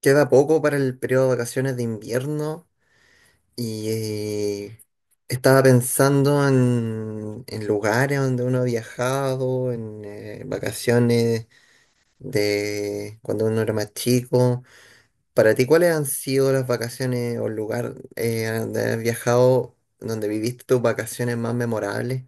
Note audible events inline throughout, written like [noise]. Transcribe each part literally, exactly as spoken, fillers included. Queda poco para el periodo de vacaciones de invierno y eh, estaba pensando en, en lugares donde uno ha viajado, en eh, vacaciones de cuando uno era más chico. Para ti, ¿cuáles han sido las vacaciones o el lugar eh, a donde has viajado, donde viviste tus vacaciones más memorables?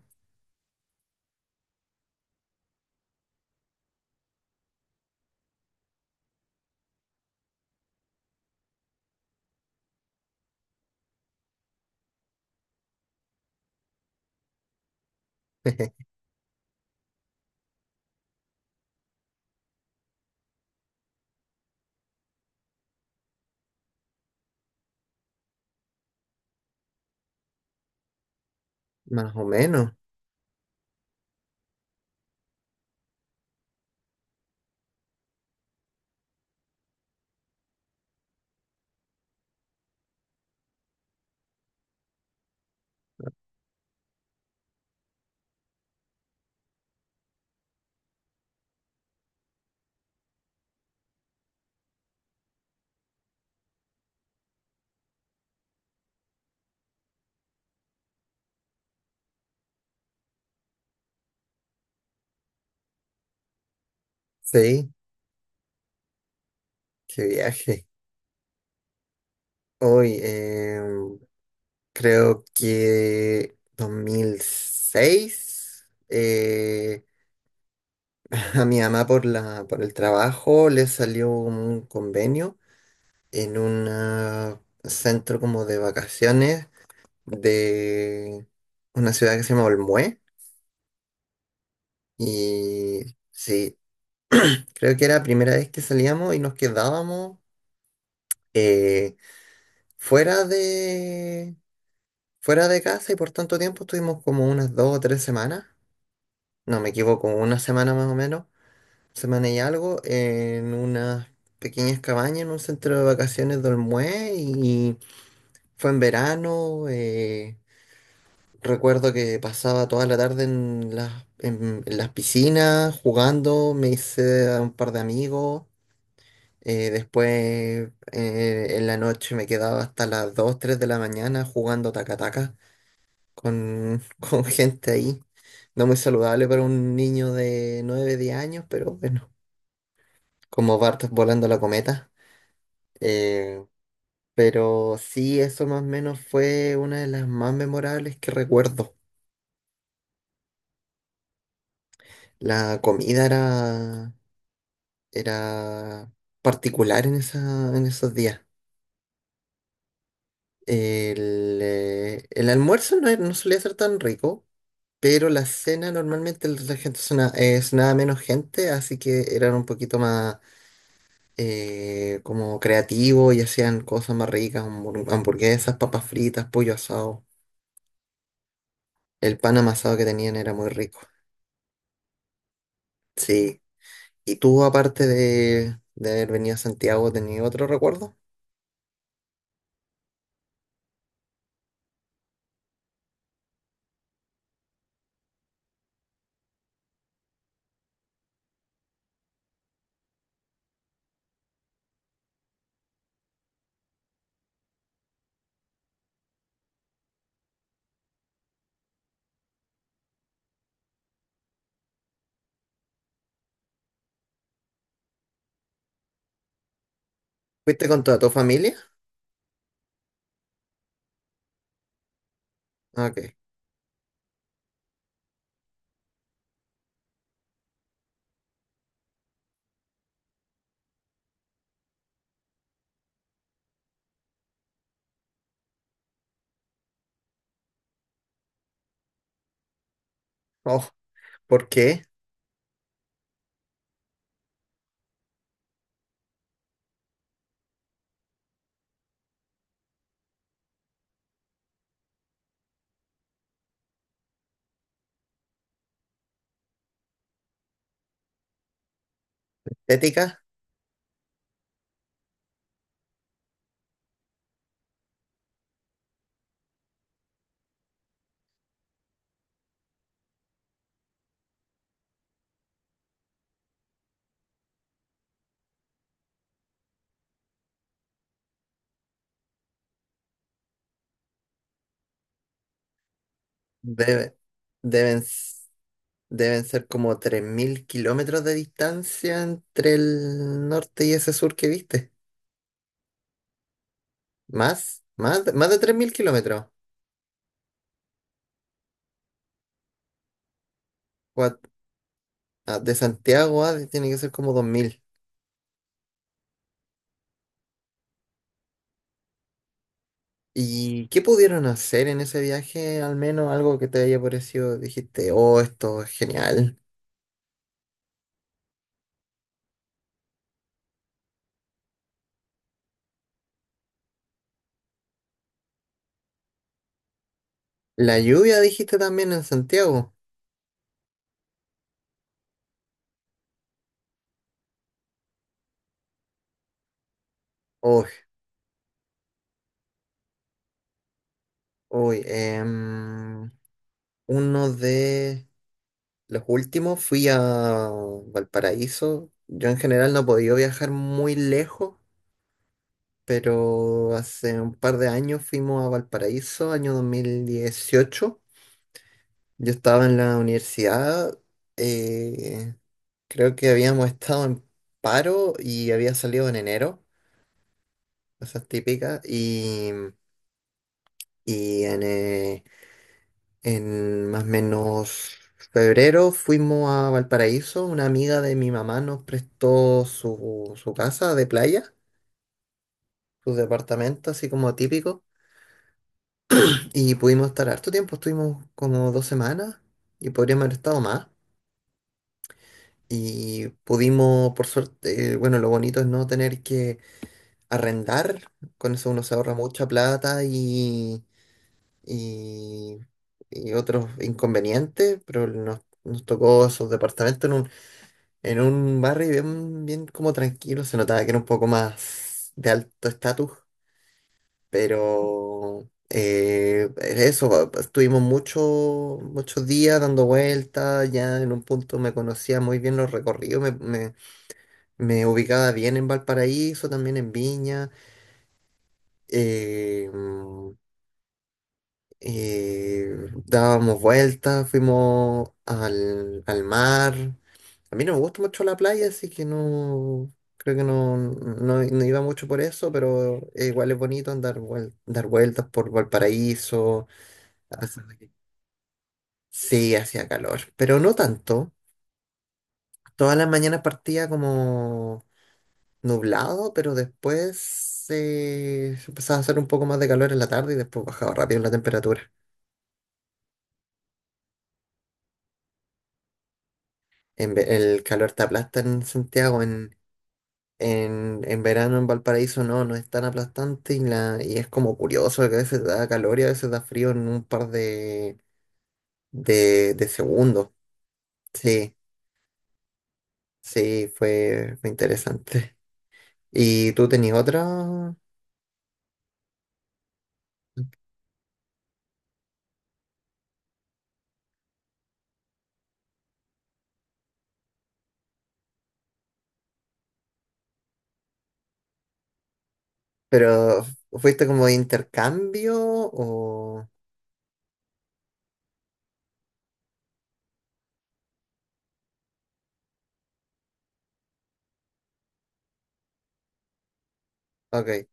[laughs] Más o menos, sí, qué viaje. Hoy, em, creo que dos mil seis, eh, [laughs] a mi mamá por la, por el trabajo le salió un convenio en un ah, centro como de vacaciones de una ciudad que se llama Olmué. Y sí, creo que era la primera vez que salíamos y nos quedábamos eh, fuera de, fuera de casa y por tanto tiempo estuvimos como unas dos o tres semanas. No me equivoco, una semana más o menos. Semana y algo en unas pequeñas cabañas en un centro de vacaciones de Olmué y fue en verano. Eh, recuerdo que pasaba toda la tarde en las, en, en las piscinas jugando, me hice a un par de amigos. Eh, después eh, en la noche me quedaba hasta las dos tres de la mañana jugando taca-taca con, [laughs] con gente ahí. No muy saludable para un niño de nueve diez años, pero bueno, como Bart volando la cometa. Eh, pero sí, eso más o menos fue una de las más memorables que recuerdo. La comida era, era particular en esa, en esos días. El, eh, el almuerzo no, era- no solía ser tan rico, pero la cena normalmente la gente sonaba, nada menos gente, así que eran un poquito más eh, como creativos y hacían cosas más ricas, hambur- hamburguesas, papas fritas, pollo asado. El pan amasado que tenían era muy rico. Sí. ¿Y tú, aparte de, de haber venido a Santiago, tenías otro recuerdo? ¿Fuiste con toda tu familia? Ah, OK. Oh, ¿por qué? Estética. Debe- deben, s- Deben ser como tres mil kilómetros de distancia entre el norte y ese sur que viste. ¿Más? ¿Más, de- más de tres mil kilómetros? Cuat- ah, ¿De Santiago a tiene que ser como dos mil? ¿Y qué pudieron hacer en ese viaje? Al menos algo que te haya parecido, dijiste, oh, esto es genial. La lluvia dijiste también en Santiago. Uy, uy, em, uno de los últimos fui a Valparaíso. Yo en general no he podido viajar muy lejos, pero hace un par de años fuimos a Valparaíso, año dos mil dieciocho. Yo estaba en la universidad, eh, creo que habíamos estado en paro y había salido en enero, cosas típicas, y... Y en, eh, En más o menos febrero fuimos a Valparaíso. Una amiga de mi mamá nos prestó su, su casa de playa, su departamento, así como típico. Y pudimos estar harto tiempo, estuvimos como dos semanas y podríamos haber estado más. Y pudimos, por suerte, eh, bueno, lo bonito es no tener que arrendar, con eso uno se ahorra mucha plata y, y, y otros inconvenientes, pero nos, nos tocó esos departamentos en un barrio bien, bien como tranquilo, se notaba que era un poco más de alto estatus, pero eh, eso, pa- pa- estuvimos mucho- muchos días dando vueltas, ya en un punto me conocía muy bien los recorridos, me, me- me ubicaba bien en Valparaíso, también en Viña, eh, mm, eh, dábamos vueltas, fuimos al, al mar. A mí no me gusta mucho la playa, así que no, creo que no, no, no iba mucho por eso, pero eh, igual es bonito andar vuel- dar vueltas por Valparaíso, a pesar de que sí hacía calor, pero no tanto. Todas las mañanas partía como nublado, pero después eh, empezaba a hacer un poco más de calor en la tarde y después bajaba rápido la temperatura. En ve- el calor te aplasta en Santiago. En, en verano en Valparaíso no, no es tan aplastante y, la, y es como curioso que a veces da calor y a veces da frío en un par de, de, de segundos. Sí, sí, fue, fue interesante. [laughs] ¿Y tú tenías otra? ¿Pero fuiste como de intercambio o...? OK.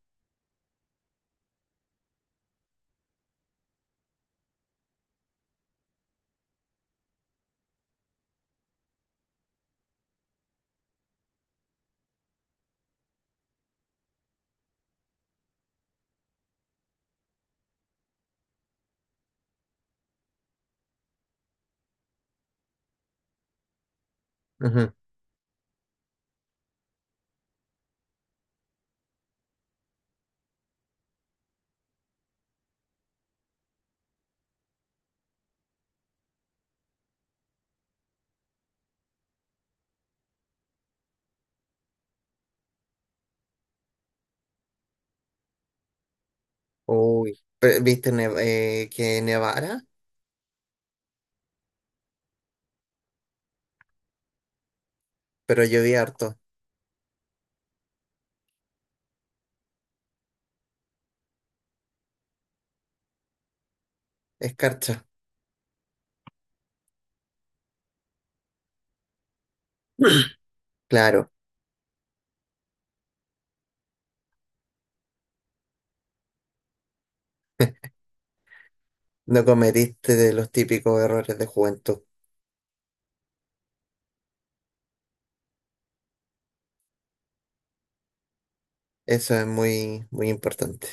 Ujú. Uy. Pe- ¿Viste nev- eh, que nevara? Pero llovía harto. Escarcha. [clears throat] Claro, no cometiste de los típicos errores de juventud. Eso es muy, muy importante.